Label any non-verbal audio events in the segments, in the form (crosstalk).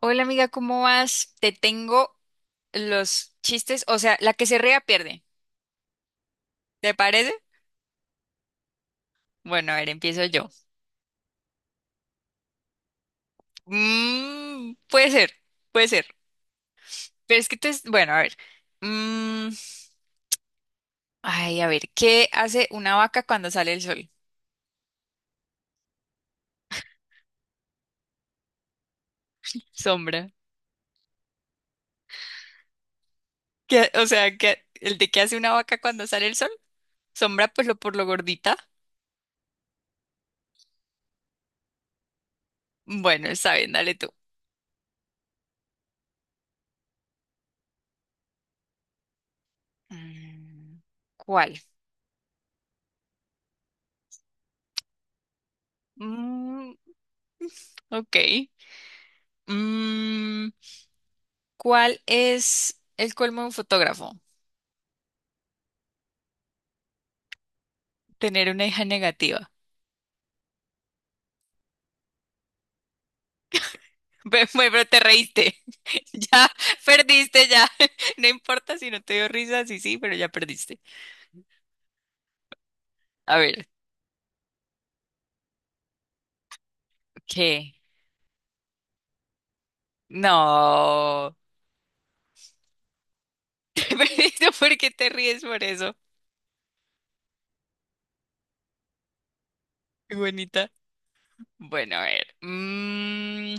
Hola amiga, ¿cómo vas? Te tengo los chistes, o sea, la que se ría pierde. ¿Te parece? Bueno, a ver, empiezo yo. Mm, puede ser, puede ser. Pero es que te... Bueno, a ver. Mm, ay, a ver, ¿qué hace una vaca cuando sale el sol? Sombra. ¿El de qué hace una vaca cuando sale el sol? Sombra, pues lo por lo gordita. Bueno, está bien, dale tú. Mm, ¿cuál? Mm, ok. Mm, ¿Cuál es el colmo de un fotógrafo? Tener una hija negativa. (laughs) Ve, pero te reíste. (laughs) Ya perdiste, ya. (laughs) No importa si no te dio risa, sí, sí, pero ya perdiste. A ver, ¿qué? No. (laughs) Te perdiste, ¿por qué te ríes por eso? Qué bonita. Bueno, a ver.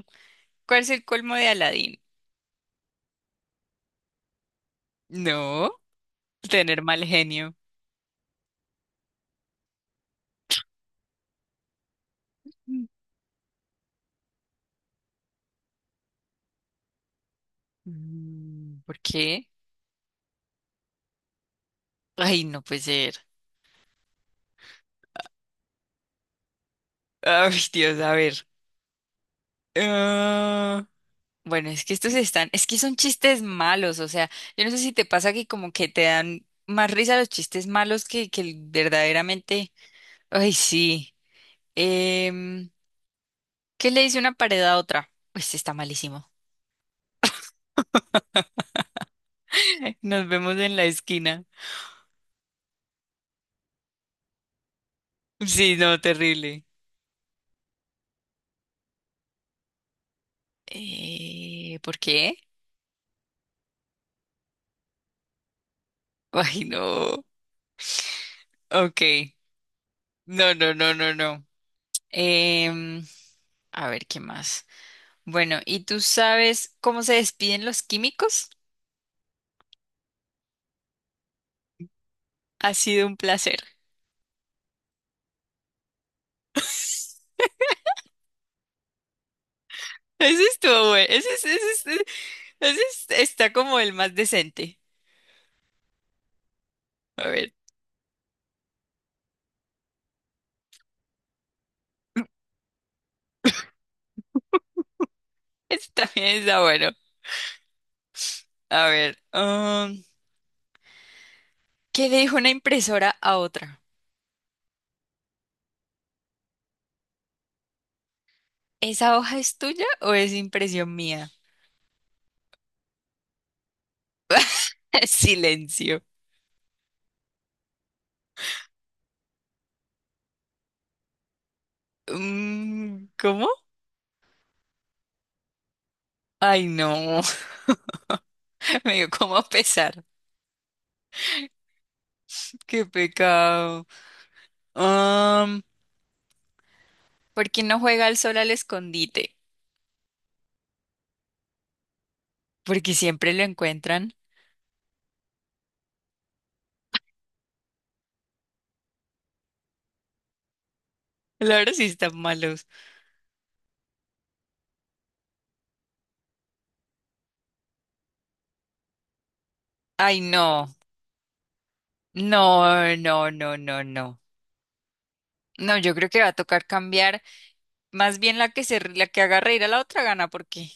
¿Cuál es el colmo de Aladín? No, tener mal genio. Mm, ¿por qué? Ay, no puede ser. Ay, Dios, a ver. Ah, Bueno, es que estos están, es que son chistes malos, o sea, yo no sé si te pasa que como que te dan más risa los chistes malos que el verdaderamente, ay, sí. Em, ¿Qué le dice una pared a otra? Pues está malísimo. (laughs) Nos vemos en la esquina. Sí, no, terrible. ¿Por qué? (laughs) Ay, no. Ok. No, no, no, no, no. Em, a ver, ¿qué más? Bueno, ¿y tú sabes cómo se despiden los químicos? Ha sido un placer. Ese estuvo bueno. Ese está como el más decente. A ver, ese también está bueno. A ver, ¿qué le dijo una impresora a otra? ¿Esa hoja es tuya o es impresión mía? (laughs) Silencio. Mm, ¿cómo? Ay, no. (laughs) Me dio como pesar. Qué pecado. Um, ¿Por qué no juega al sol al escondite? Porque siempre lo encuentran. Claro, sí están malos. Ay, no. No, no, no, no, no. No, yo creo que va a tocar cambiar. Más bien la que haga reír a la otra gana, porque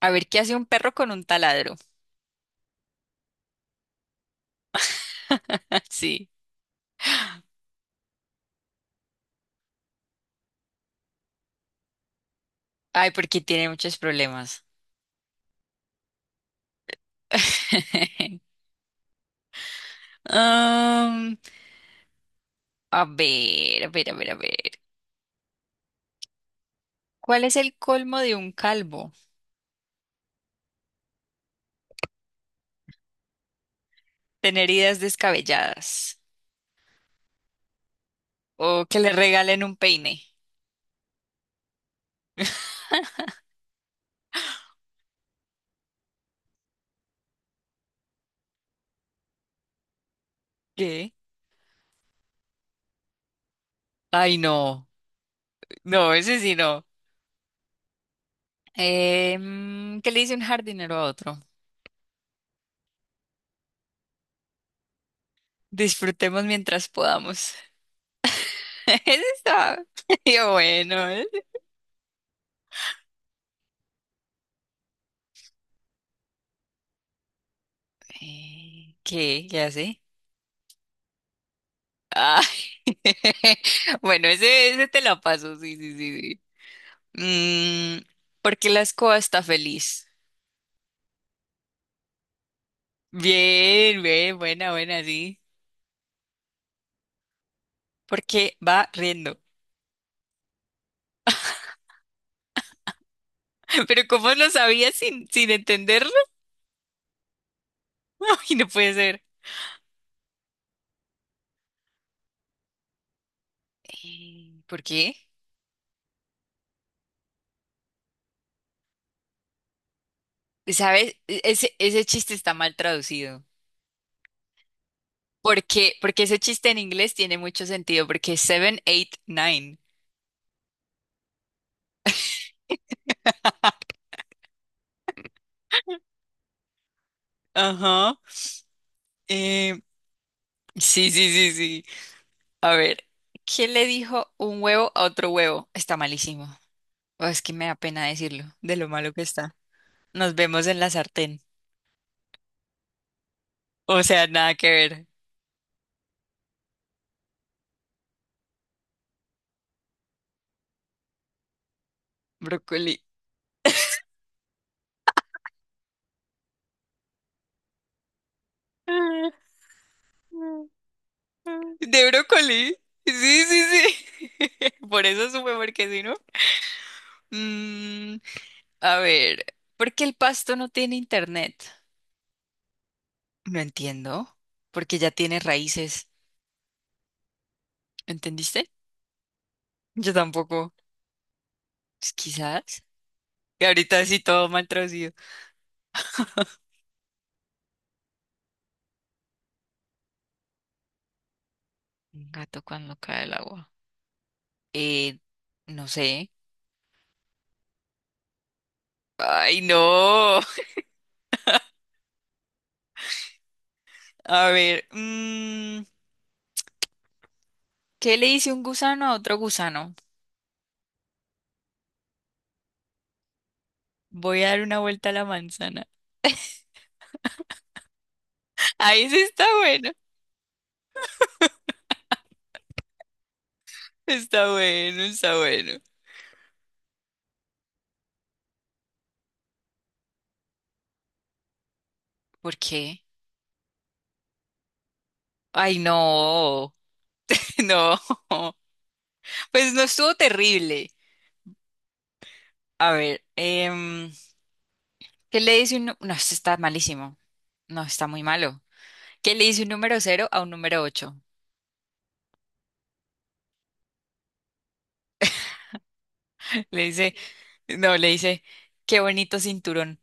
a ver qué hace un perro con un taladro. (laughs) Sí. Ay, porque tiene muchos problemas. (laughs) Am, a ver, a ver, a ver, a ver. ¿Cuál es el colmo de un calvo? Tener ideas descabelladas. O que le regalen un peine. ¿Qué? Ay, no. No, ese sí no. ¿Qué le dice un jardinero a otro? Disfrutemos mientras podamos. (laughs) Eso está. (laughs) Yo, bueno. ¿Eh? ¿Qué? ¿Qué hace? Ah, (laughs) bueno, ese te la paso, sí, sí, sí, sí. Mm, ¿por qué la escoba está feliz? Bien, bien, buena, buena, sí. Porque va riendo. (laughs) Pero ¿cómo lo sabías sin entenderlo? (laughs) Ay, no puede ser. ¿Por qué? ¿Sabes? Ese, ese chiste está mal traducido. Porque ese chiste en inglés tiene mucho sentido, porque es seven, eight, nine. (laughs) Ajá. Eh, sí, sí, sí, sí. A ver, ¿qué le dijo un huevo a otro huevo? Está malísimo. Oh, es que me da pena decirlo, de lo malo que está. Nos vemos en la sartén. O sea, nada que ver. Brócoli. (laughs) Ah, ¿de brócoli? Sí, sí, sí. (laughs) Por eso supe, porque si no. Mm, a ver, ¿por qué el pasto no tiene internet? No entiendo, porque ya tiene raíces, ¿entendiste? Yo tampoco, pues, quizás. Y ahorita sí todo mal traducido. Un gato cuando cae el agua. Eh, no sé. Ay, no. A ver, mm, ¿qué le dice un gusano a otro gusano? Voy a dar una vuelta a la manzana. Ahí sí está bueno. Está bueno, está bueno. ¿Por qué? Ay, no. (laughs) No. Pues no estuvo terrible. A ver, ¿qué le dice un... No, esto está malísimo. No, está muy malo. ¿Qué le dice un número cero a un número ocho? (laughs) Le dice, no, le dice, qué bonito cinturón.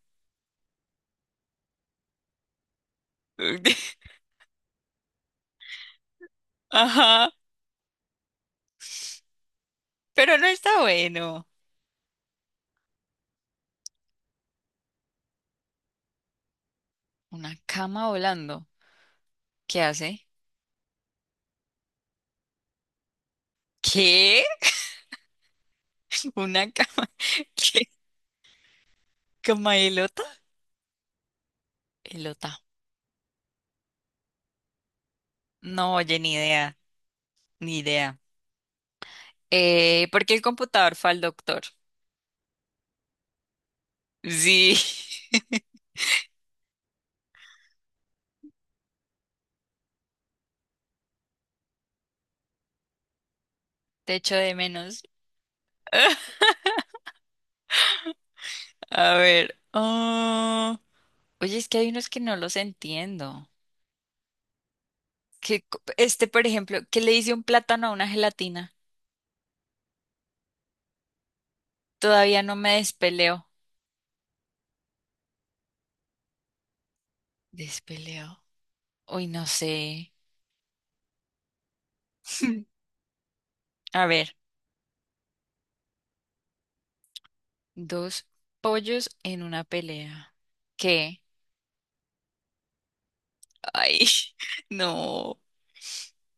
(laughs) Ajá, pero no está bueno. Una cama volando. ¿Qué hace? ¿Qué? (laughs) ¿Una cama? (laughs) ¿Qué? ¿Cama elota? Elota. No, oye, ni idea, ni idea. ¿Por qué el computador fue al doctor? Sí, (laughs) te echo de menos. (laughs) A ver. Oye, es que hay unos que no los entiendo. Que, este, por ejemplo, ¿qué le dice un plátano a una gelatina? Todavía no me despeleo. ¿Despeleo? Uy, no sé. (laughs) A ver, dos pollos en una pelea. ¿Qué? Ay, (laughs) no,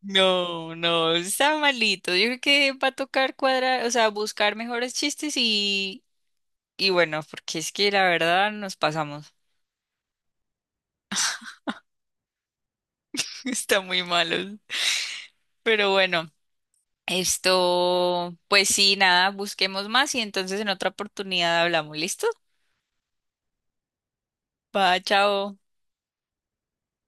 no, no, está malito. Yo creo que va a tocar cuadrar, o sea, buscar mejores chistes y bueno, porque es que la verdad nos pasamos. (laughs) Está muy malo. Pero bueno. Esto, pues sí, nada, busquemos más y entonces en otra oportunidad hablamos. ¿Listo? Va, chao.